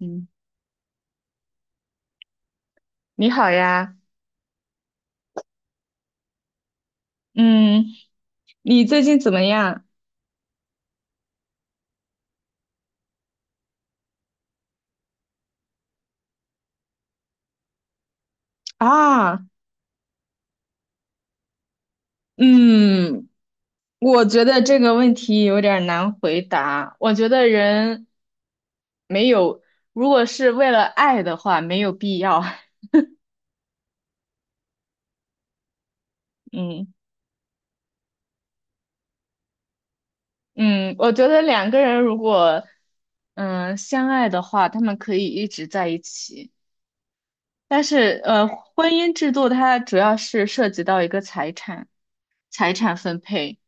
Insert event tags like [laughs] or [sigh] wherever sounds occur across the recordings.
嗯，你好呀，嗯，你最近怎么样啊？嗯，我觉得这个问题有点儿难回答。我觉得人没有，如果是为了爱的话，没有必要。[laughs] 嗯嗯，我觉得两个人如果相爱的话，他们可以一直在一起。但是婚姻制度它主要是涉及到一个财产、财产分配，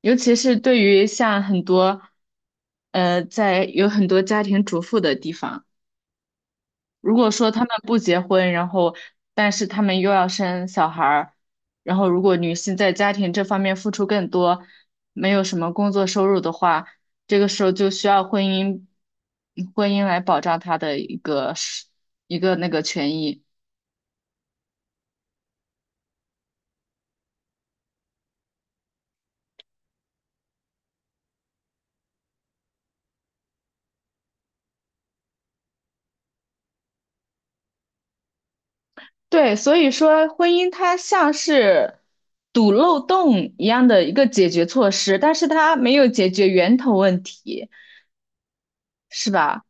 尤其是对于像很多在有很多家庭主妇的地方，如果说他们不结婚，然后但是他们又要生小孩儿，然后如果女性在家庭这方面付出更多，没有什么工作收入的话，这个时候就需要婚姻来保障她的一个那个权益。对，所以说婚姻它像是堵漏洞一样的一个解决措施，但是它没有解决源头问题，是吧？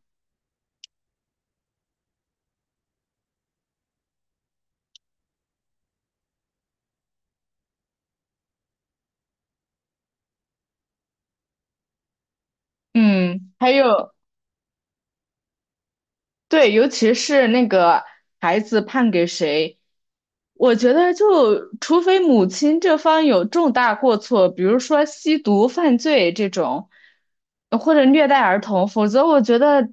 嗯，还有。对，尤其是那个孩子判给谁，我觉得就除非母亲这方有重大过错，比如说吸毒犯罪这种，或者虐待儿童，否则我觉得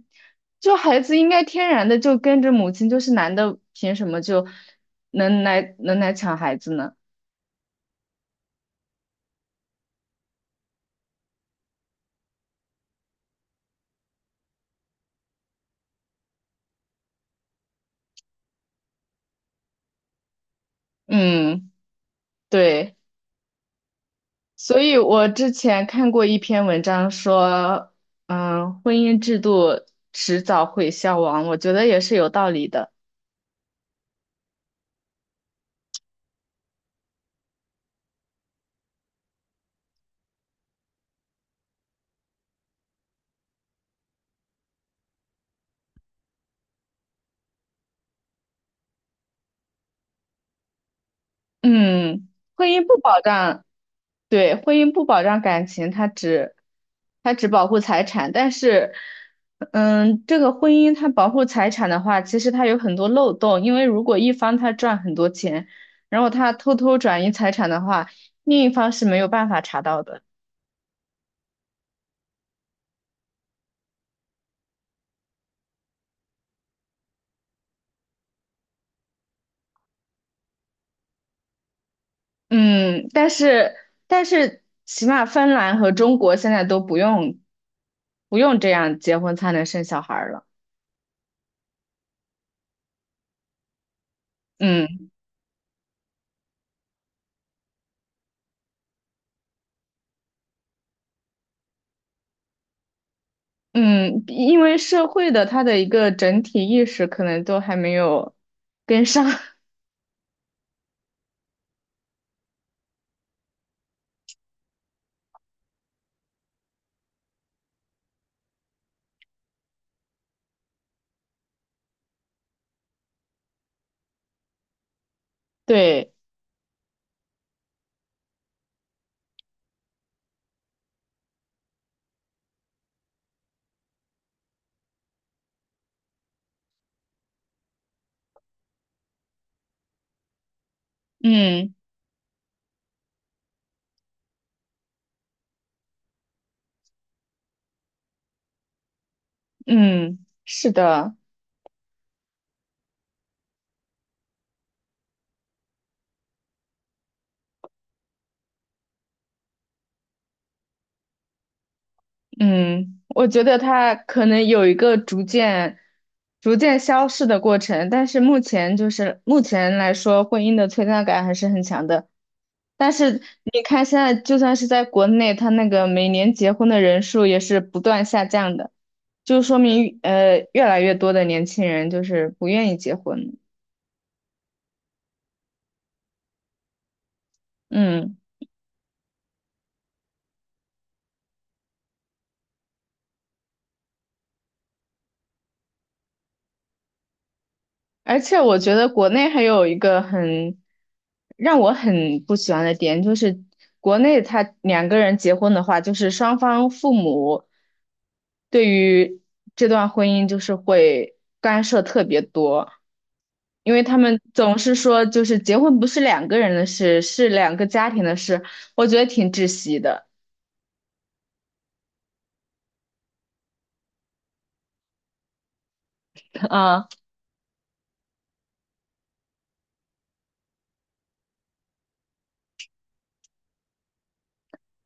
就孩子应该天然的就跟着母亲，就是男的凭什么就能来抢孩子呢？嗯，对。所以我之前看过一篇文章说，嗯，婚姻制度迟早会消亡，我觉得也是有道理的。嗯，婚姻不保障，对，婚姻不保障感情，它只保护财产，但是，嗯，这个婚姻它保护财产的话，其实它有很多漏洞，因为如果一方他赚很多钱，然后他偷偷转移财产的话，另一方是没有办法查到的。嗯，但是起码芬兰和中国现在都不用这样结婚才能生小孩儿了。嗯嗯，因为社会的它的一个整体意识可能都还没有跟上。[laughs] 对，嗯嗯，是的。嗯，我觉得它可能有一个逐渐消逝的过程，但是目前目前来说，婚姻的存在感还是很强的。但是你看，现在就算是在国内，它那个每年结婚的人数也是不断下降的，就说明越来越多的年轻人就是不愿意结婚。嗯。而且我觉得国内还有一个很让我很不喜欢的点，就是国内他两个人结婚的话，就是双方父母对于这段婚姻就是会干涉特别多，因为他们总是说就是结婚不是两个人的事，是两个家庭的事，我觉得挺窒息的啊。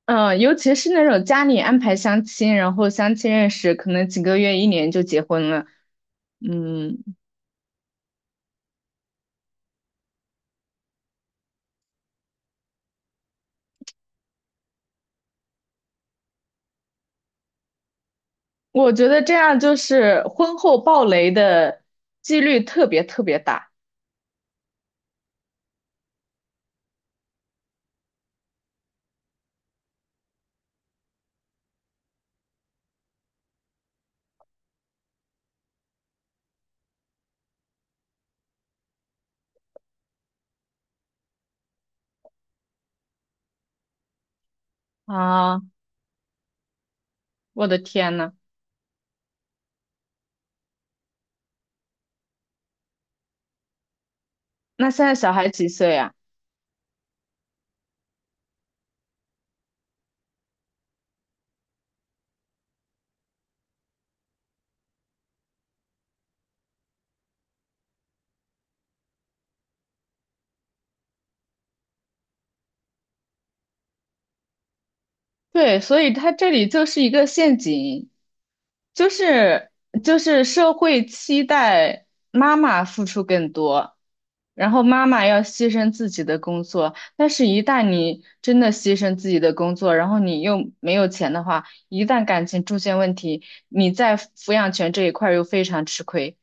嗯，尤其是那种家里安排相亲，然后相亲认识，可能几个月、一年就结婚了。嗯，我觉得这样就是婚后暴雷的几率特别特别大啊！我的天呐，那现在小孩几岁啊？对，所以他这里就是一个陷阱，就是就是社会期待妈妈付出更多，然后妈妈要牺牲自己的工作，但是一旦你真的牺牲自己的工作，然后你又没有钱的话，一旦感情出现问题，你在抚养权这一块儿又非常吃亏。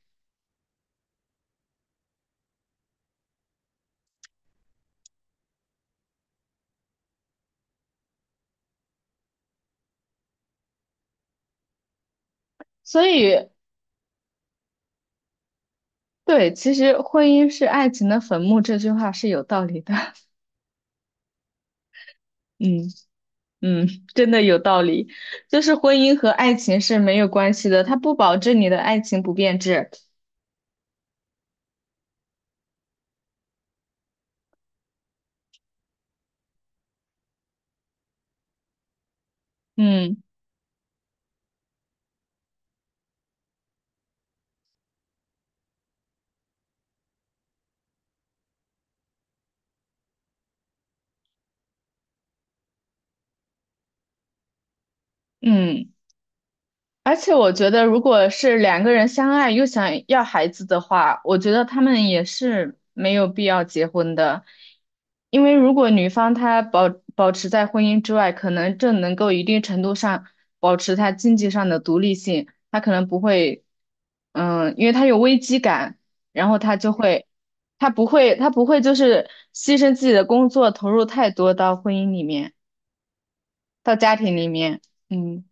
所以，对，其实婚姻是爱情的坟墓这句话是有道理的。[laughs] 嗯嗯，真的有道理。就是婚姻和爱情是没有关系的，它不保证你的爱情不变质。嗯嗯。而且我觉得，如果是两个人相爱又想要孩子的话，我觉得他们也是没有必要结婚的，因为如果女方保持在婚姻之外，可能这能够一定程度上保持她经济上的独立性，她可能不会，嗯，因为她有危机感，然后她就会，她不会就是牺牲自己的工作，投入太多到婚姻里面，到家庭里面，嗯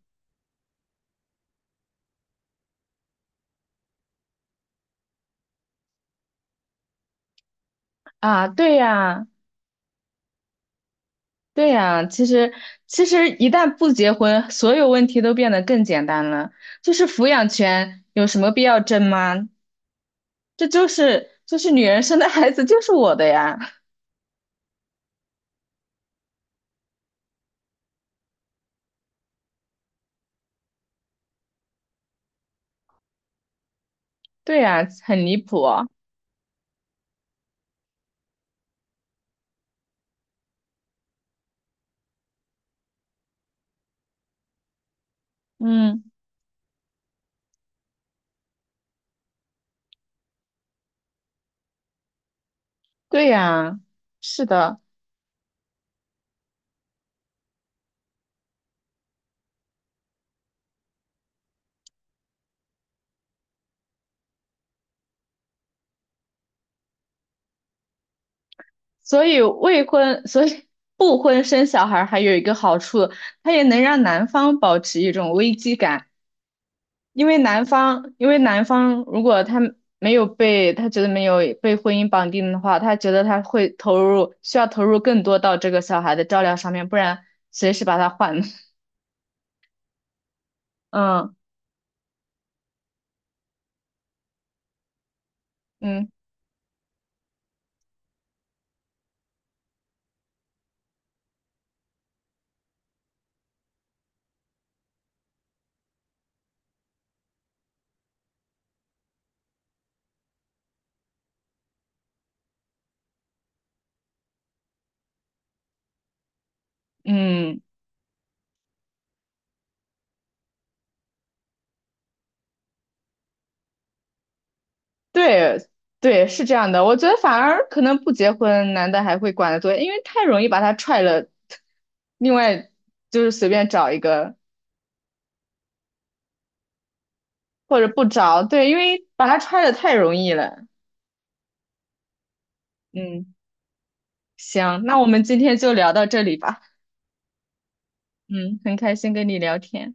啊，对呀。对呀，其实一旦不结婚，所有问题都变得更简单了。就是抚养权有什么必要争吗？这就是就是女人生的孩子就是我的呀。对呀，很离谱哦嗯，对呀，是的。所以未婚，所以不婚生小孩还有一个好处，它也能让男方保持一种危机感。因为男方如果他没有被，他觉得没有被婚姻绑定的话，他觉得他会投入，需要投入更多到这个小孩的照料上面，不然随时把他换了 [laughs] 嗯嗯嗯，对对，是这样的。我觉得反而可能不结婚，男的还会管得多，因为太容易把他踹了。另外就是随便找一个，或者不找，对，因为把他踹了太容易了。嗯，行，那我们今天就聊到这里吧。嗯，很开心跟你聊天，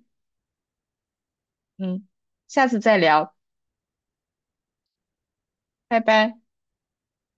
嗯，下次再聊，拜拜。